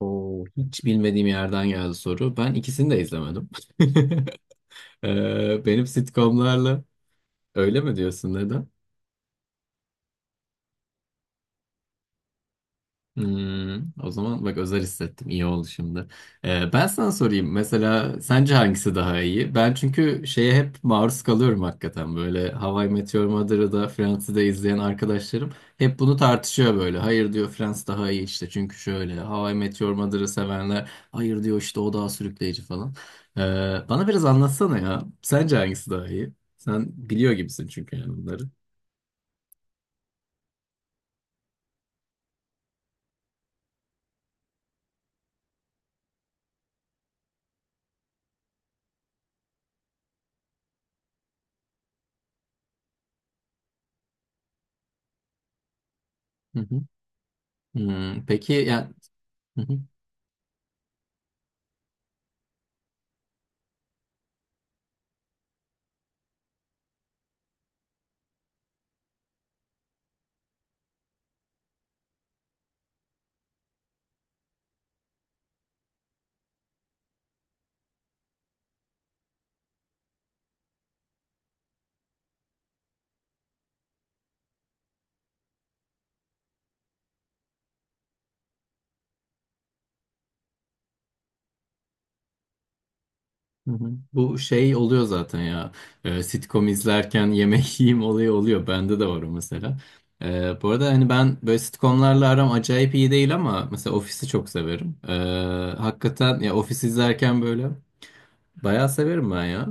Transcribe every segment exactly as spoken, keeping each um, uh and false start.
Oo, hiç bilmediğim yerden geldi soru. Ben ikisini de izlemedim. Ee, benim sitcomlarla Öyle mi diyorsun, neden? Hmm, o zaman bak özel hissettim. İyi oldu şimdi. Ee, ben sana sorayım. Mesela sence hangisi daha iyi? Ben çünkü şeye hep maruz kalıyorum hakikaten. Böyle How I Met Your Mother'ı da Friends'i de izleyen arkadaşlarım hep bunu tartışıyor böyle. Hayır diyor, Friends daha iyi işte. Çünkü şöyle, How I Met Your Mother'ı sevenler hayır diyor işte, o daha sürükleyici falan. Ee, Bana biraz anlatsana ya. Sence hangisi daha iyi? Sen biliyor gibisin çünkü yani bunları. Hı hı. Hmm, peki yani... Hı hı. Bu şey oluyor zaten ya. Ee, sitcom izlerken yemek yiyeyim olayı oluyor. Bende de var o mesela. Ee, bu arada hani ben böyle sitcomlarla aram acayip iyi değil ama mesela Office'i çok severim. Ee, hakikaten ya, Office izlerken böyle bayağı severim ben ya.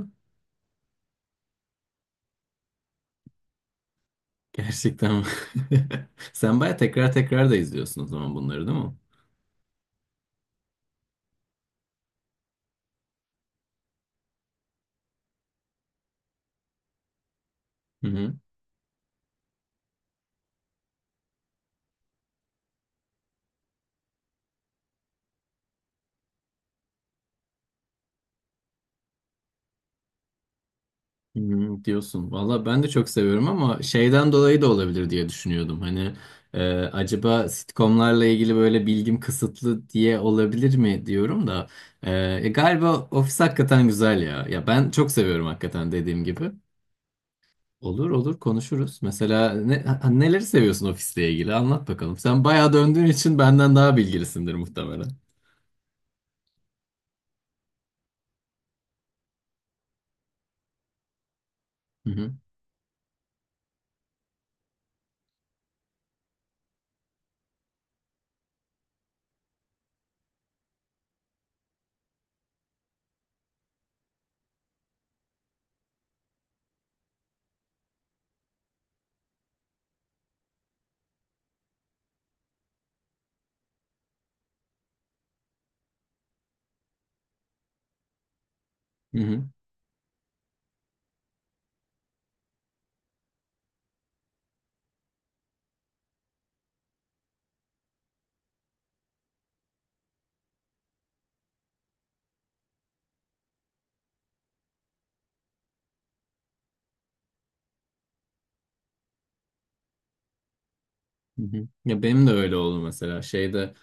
Gerçekten. Sen bayağı tekrar tekrar da izliyorsun o zaman bunları, değil mi? Hmm, diyorsun. Valla ben de çok seviyorum ama şeyden dolayı da olabilir diye düşünüyordum. Hani e, acaba sitcomlarla ilgili böyle bilgim kısıtlı diye olabilir mi diyorum da. E, e, galiba Office hakikaten güzel ya. Ya ben çok seviyorum hakikaten, dediğim gibi. Olur olur, konuşuruz. Mesela, ne, ha- neleri seviyorsun Office'le ilgili? Anlat bakalım. Sen bayağı döndüğün için benden daha bilgilisindir muhtemelen. Hı hı. Hı hı. Hı hı. Ya benim de öyle oldu mesela şeyde.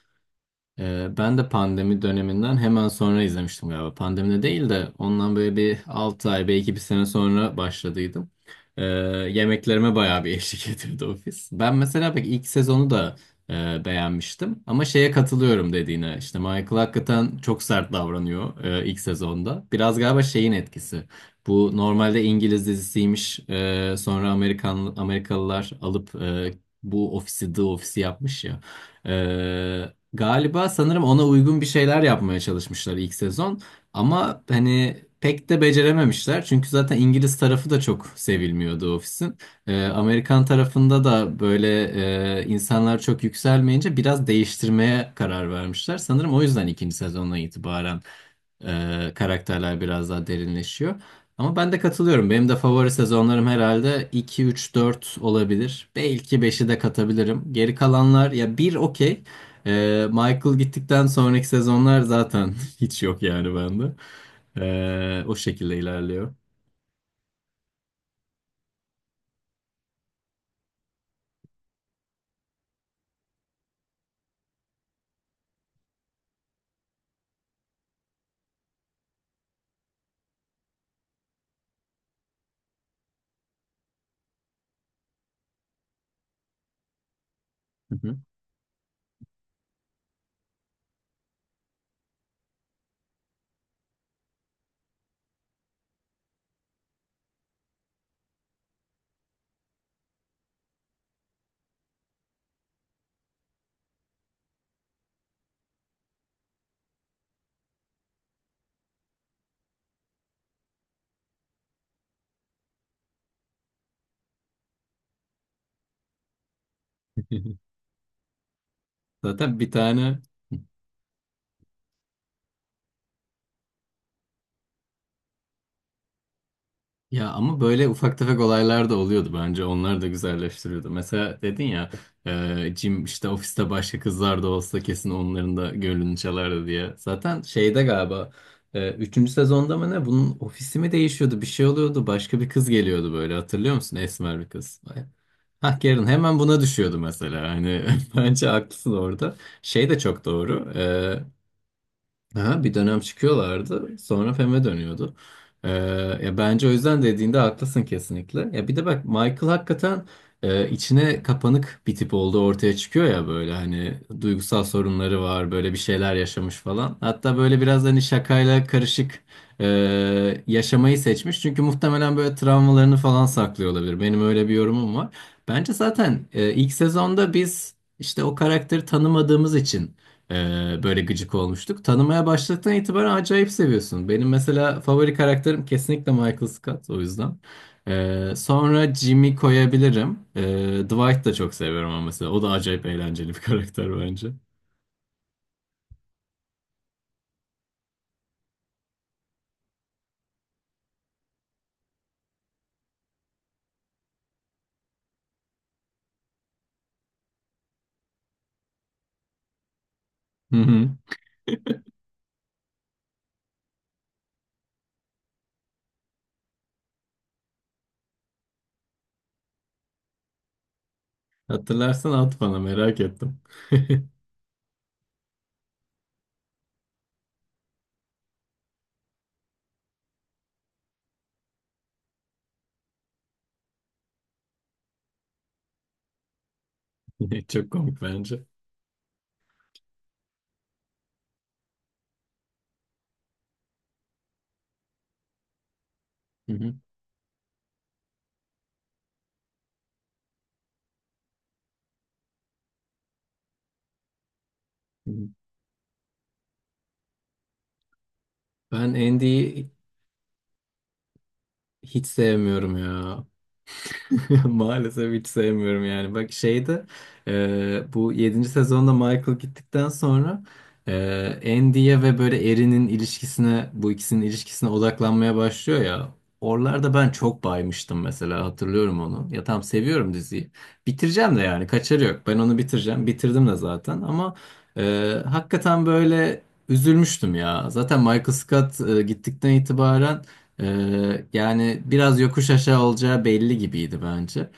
Ee, ben de pandemi döneminden hemen sonra izlemiştim galiba. Pandemide değil de ondan böyle bir altı ay belki bir sene sonra başladıydım. Ee, Yemeklerime bayağı bir eşlik ediyordu ofis. Ben mesela pek ilk sezonu da e, beğenmiştim. Ama şeye katılıyorum dediğine. İşte Michael hakikaten çok sert davranıyor e, ilk sezonda. Biraz galiba şeyin etkisi. Bu normalde İngiliz dizisiymiş. E, sonra Amerikan, Amerikalılar alıp e, bu ofisi, The Office'i yapmış ya. Ee, Galiba sanırım ona uygun bir şeyler yapmaya çalışmışlar ilk sezon. Ama hani pek de becerememişler. Çünkü zaten İngiliz tarafı da çok sevilmiyordu ofisin. Ee, Amerikan tarafında da böyle e, insanlar çok yükselmeyince biraz değiştirmeye karar vermişler. Sanırım o yüzden ikinci sezondan itibaren e, karakterler biraz daha derinleşiyor. Ama ben de katılıyorum. Benim de favori sezonlarım herhalde iki, üç, dört olabilir. Belki beşi de katabilirim. Geri kalanlar ya, bir okey. Ee, Michael gittikten sonraki sezonlar zaten hiç yok yani bende. Ee, o şekilde ilerliyor. Hı hı. Zaten bir tane. Ya ama böyle ufak tefek olaylar da oluyordu bence. Onlar da güzelleştiriyordu. Mesela dedin ya, e, Jim işte ofiste başka kızlar da olsa kesin onların da gönlünü çalardı diye. Zaten şeyde galiba e, üçüncü sezonda mı ne, bunun ofisi mi değişiyordu, bir şey oluyordu. Başka bir kız geliyordu böyle, hatırlıyor musun? Esmer bir kız. Hah, Karen hemen buna düşüyordu mesela. Hani bence haklısın orada. Şey de çok doğru. e, Ha, bir dönem çıkıyorlardı. Sonra Fem'e dönüyordu. Ee, Ya bence o yüzden dediğinde haklısın kesinlikle. Ya bir de bak, Michael hakikaten e, içine kapanık bir tip olduğu ortaya çıkıyor ya, böyle hani duygusal sorunları var, böyle bir şeyler yaşamış falan. Hatta böyle biraz hani şakayla karışık e, yaşamayı seçmiş. Çünkü muhtemelen böyle travmalarını falan saklıyor olabilir. Benim öyle bir yorumum var. Bence zaten e, ilk sezonda biz işte o karakteri tanımadığımız için ee, böyle gıcık olmuştuk. Tanımaya başladıktan itibaren acayip seviyorsun. Benim mesela favori karakterim kesinlikle Michael Scott, o yüzden. Ee, sonra Jimmy koyabilirim. Ee, Dwight da çok seviyorum ama mesela. O da acayip eğlenceli bir karakter bence. Hı hı. Hatırlarsan at bana, merak ettim. Çok komik bence. Hı hı. Ben Andy'yi hiç sevmiyorum ya. Maalesef hiç sevmiyorum yani. Bak şeyde e, bu yedinci sezonda Michael gittikten sonra e, Andy'ye ve böyle Erin'in ilişkisine, bu ikisinin ilişkisine odaklanmaya başlıyor ya. Oralarda ben çok baymıştım mesela, hatırlıyorum onu. Ya tam seviyorum diziyi. Bitireceğim de yani, kaçarı yok. Ben onu bitireceğim. Bitirdim de zaten ama e, hakikaten böyle üzülmüştüm ya. Zaten Michael Scott e, gittikten itibaren ee, yani biraz yokuş aşağı olacağı belli gibiydi bence.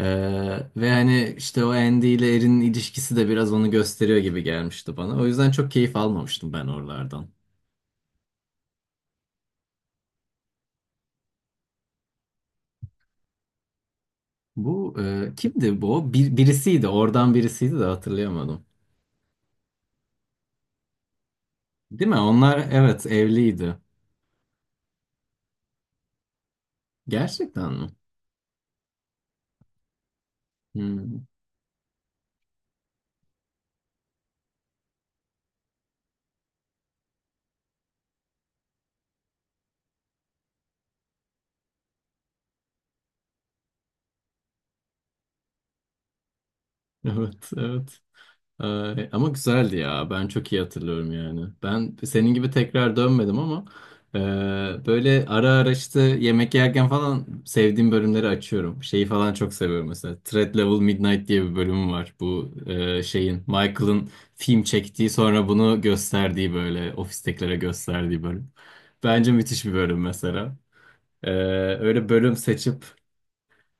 Ee, ve hani işte o Andy ile Erin'in ilişkisi de biraz onu gösteriyor gibi gelmişti bana. O yüzden çok keyif almamıştım ben oralardan. Bu e, kimdi bu? Bir, birisiydi. Oradan birisiydi de hatırlayamadım. Değil mi? Onlar evet evliydi. Gerçekten mi? Hmm, evet evet. Ee, ama güzeldi ya. Ben çok iyi hatırlıyorum yani. Ben senin gibi tekrar dönmedim ama e, böyle ara ara işte yemek yerken falan sevdiğim bölümleri açıyorum. Şeyi falan çok seviyorum mesela. Threat Level Midnight diye bir bölümü var. Bu e, şeyin, Michael'ın film çektiği, sonra bunu gösterdiği, böyle ofistekilere gösterdiği bölüm. Bence müthiş bir bölüm mesela. Ee, Öyle bölüm seçip.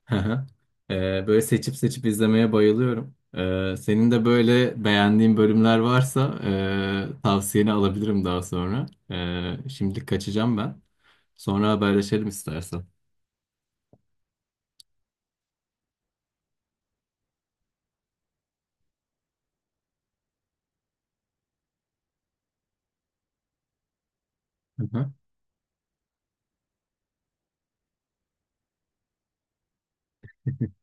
Hı hı. Ee, böyle seçip seçip izlemeye bayılıyorum. Ee, senin de böyle beğendiğin bölümler varsa e, tavsiyeni alabilirim daha sonra. Ee, şimdilik kaçacağım ben. Sonra haberleşelim istersen. Hı hı.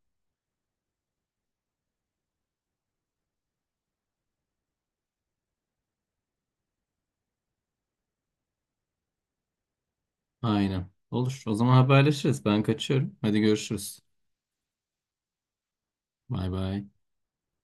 Aynen. Olur. O zaman haberleşiriz. Ben kaçıyorum. Hadi görüşürüz. Bay bay.